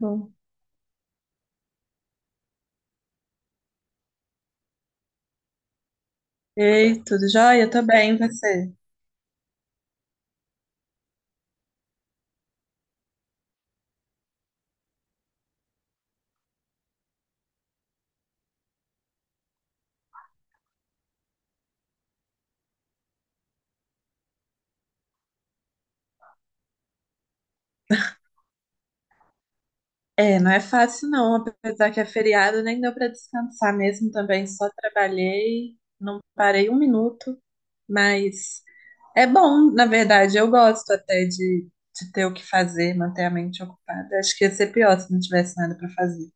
Bom. Ei, tudo jóia? Tô bem, e você? É, não é fácil não, apesar que é feriado, nem deu pra descansar mesmo também, só trabalhei, não parei um minuto, mas é bom, na verdade, eu gosto até de ter o que fazer, manter a mente ocupada. Acho que ia ser pior se não tivesse nada pra fazer.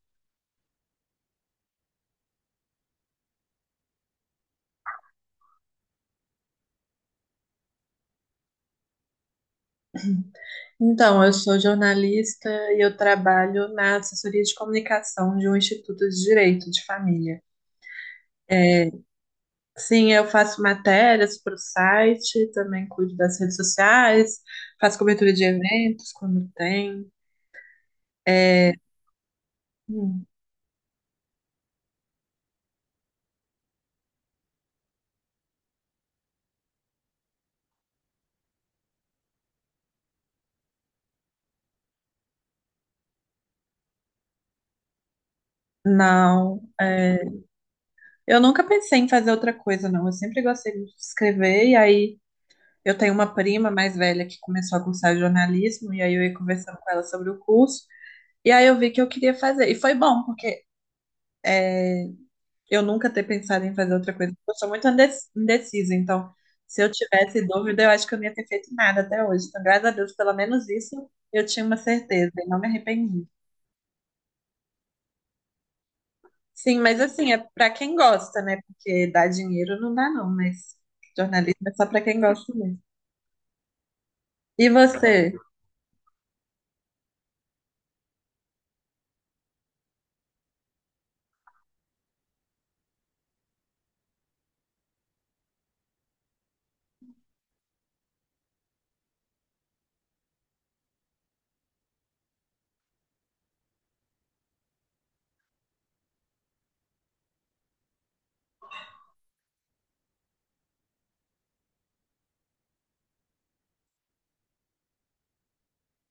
Então, eu sou jornalista e eu trabalho na assessoria de comunicação de um instituto de direito de família. Sim, eu faço matérias para o site, também cuido das redes sociais, faço cobertura de eventos quando tem. É, hum, não, é, eu nunca pensei em fazer outra coisa, não. Eu sempre gostei muito de escrever, e aí eu tenho uma prima mais velha que começou a cursar jornalismo, e aí eu ia conversando com ela sobre o curso, e aí eu vi que eu queria fazer. E foi bom, porque eu nunca ter pensado em fazer outra coisa. Eu sou muito indecisa, então se eu tivesse dúvida, eu acho que eu não ia ter feito nada até hoje. Então, graças a Deus, pelo menos isso eu tinha uma certeza e não me arrependi. Sim, mas assim, é para quem gosta, né? Porque dar dinheiro não dá, não, mas jornalismo é só para quem gosta mesmo. E você?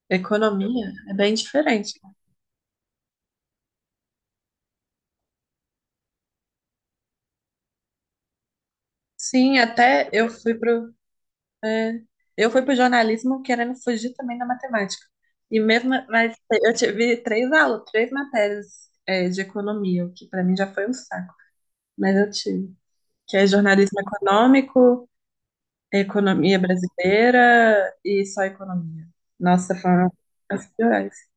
Economia é bem diferente. Sim, até eu fui para é. Eu fui para o jornalismo querendo fugir também da matemática. E mesmo, mas eu tive três aulas, três matérias, é, de economia, o que para mim já foi um saco. Mas eu tive. Que é jornalismo econômico, economia brasileira e só economia. Nossa, foram as piores.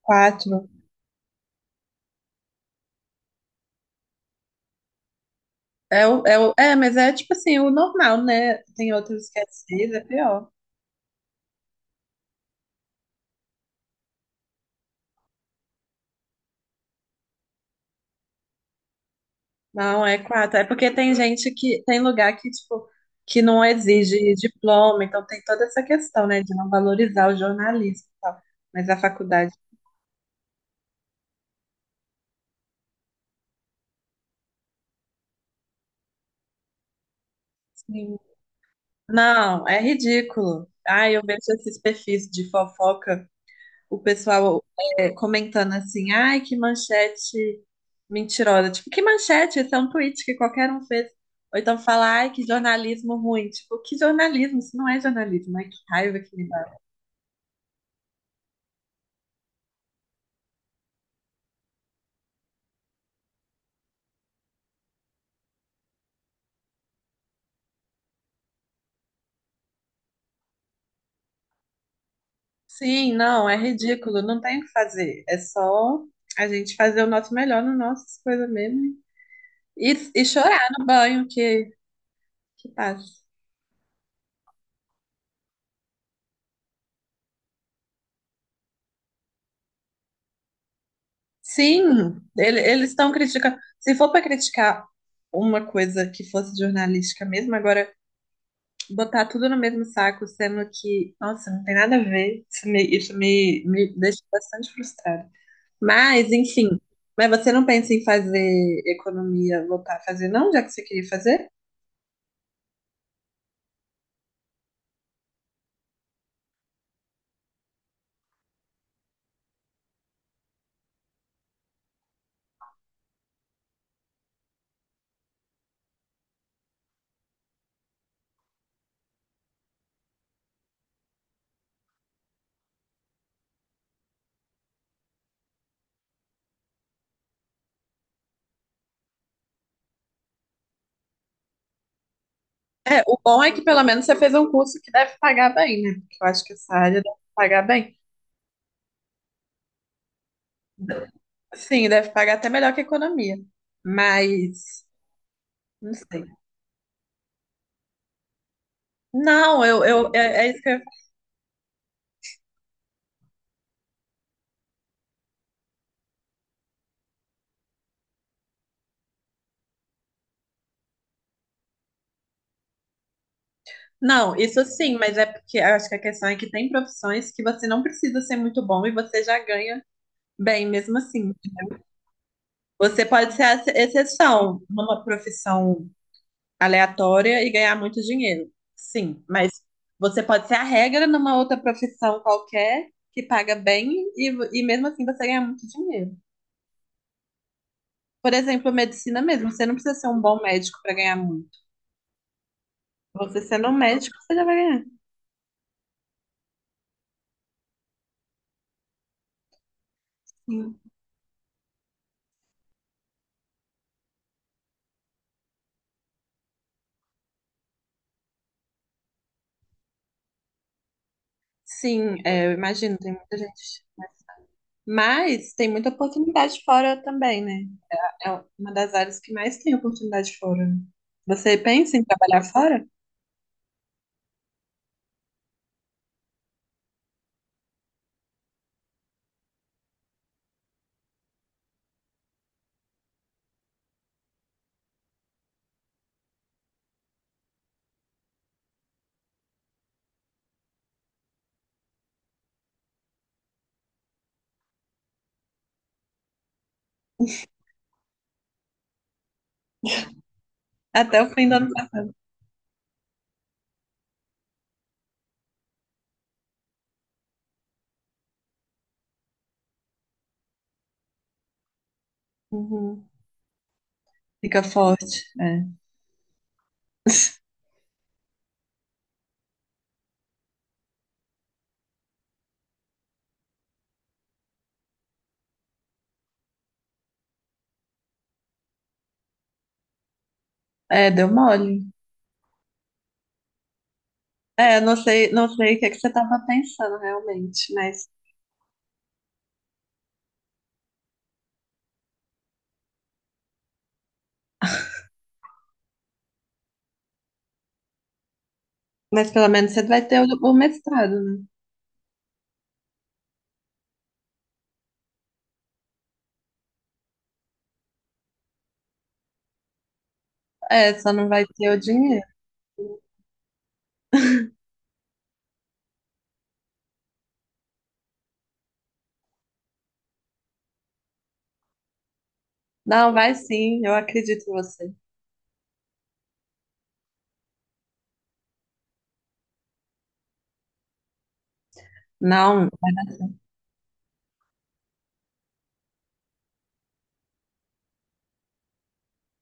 Quatro. Mas é tipo assim, o normal, né? Tem outros que é seis, é pior. Não, é quatro. É porque tem gente que tem lugar que, tipo, que não exige diploma, então tem toda essa questão, né, de não valorizar o jornalismo e tal. Mas a faculdade, sim. Não, é ridículo. Ai, eu vejo esses perfis de fofoca, o pessoal comentando assim, ai, que manchete mentirosa. Tipo, que manchete? Isso é um tweet que qualquer um fez. Ou então fala, ai, que jornalismo ruim. Tipo, que jornalismo? Isso não é jornalismo, ai, que raiva que me. Sim, não, é ridículo, não tem o que fazer. É só a gente fazer o nosso melhor nas nossas coisas mesmo e, chorar no banho que passa. Sim, eles estão criticando. Se for para criticar uma coisa que fosse jornalística mesmo, agora botar tudo no mesmo saco, sendo que, nossa, não tem nada a ver, isso me, me deixa bastante frustrada. Mas, enfim, mas você não pensa em fazer economia, voltar a fazer, não, já que você queria fazer? É, o bom é que pelo menos você fez um curso que deve pagar bem, né? Porque eu acho que essa área deve pagar bem. Sim, deve pagar até melhor que economia. Mas, não sei. Não, é isso que eu... Não, isso sim, mas é porque eu acho que a questão é que tem profissões que você não precisa ser muito bom e você já ganha bem mesmo assim. Você pode ser a exceção numa profissão aleatória e ganhar muito dinheiro. Sim, mas você pode ser a regra numa outra profissão qualquer que paga bem e mesmo assim você ganha muito dinheiro. Por exemplo, a medicina mesmo, você não precisa ser um bom médico para ganhar muito. Você sendo um médico, você já vai ganhar. Sim, sim, é, eu imagino, tem muita gente. Mas tem muita oportunidade fora também, né? É uma das áreas que mais tem oportunidade fora. Né? Você pensa em trabalhar fora? Até o fim do ano. Uhum. Fica forte, é. É, deu mole. É, não sei, não sei o que é que você estava pensando realmente, mas pelo menos você vai ter o mestrado, né? É, só não vai ter o dinheiro. Não, vai sim, eu acredito em você. Não,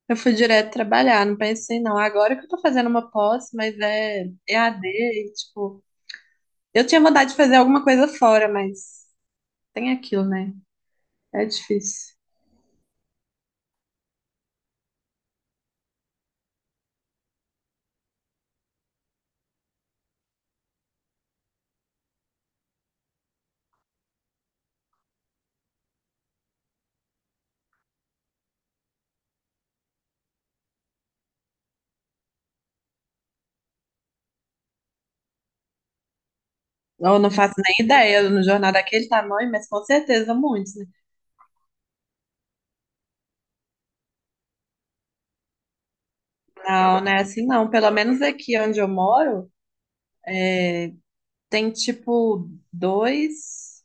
eu fui direto trabalhar, não pensei não. Agora que eu tô fazendo uma pós, mas é EAD, e, tipo, eu tinha vontade de fazer alguma coisa fora, mas tem aquilo, né? É difícil. Eu não faço nem ideia no jornal daquele tamanho, mas com certeza muitos, né? Não, não é assim não. Pelo menos aqui onde eu moro, tem tipo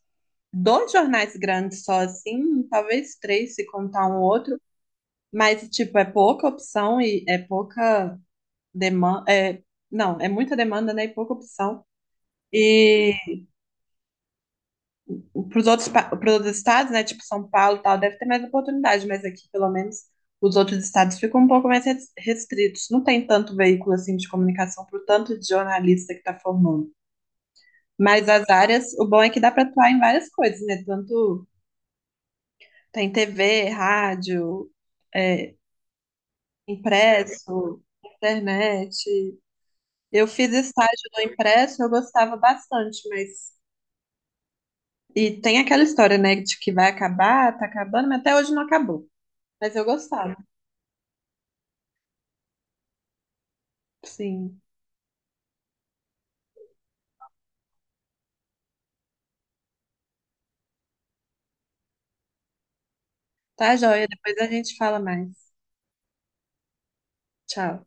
dois jornais grandes só assim, talvez três se contar um outro, mas tipo é pouca opção e é pouca demanda, é, não, é muita demanda, né, e pouca opção. E para os outros, pros outros estados, né, tipo São Paulo e tal, deve ter mais oportunidade, mas aqui pelo menos os outros estados ficam um pouco mais restritos. Não tem tanto veículo assim de comunicação para o tanto de jornalista que está formando. Mas as áreas, o bom é que dá para atuar em várias coisas, né? Tanto tem TV, rádio, é, impresso, internet. Eu fiz estágio no impresso, eu gostava bastante, mas. E tem aquela história, né, de que vai acabar, tá acabando, mas até hoje não acabou. Mas eu gostava, sim. Tá, joia? Depois a gente fala mais. Tchau.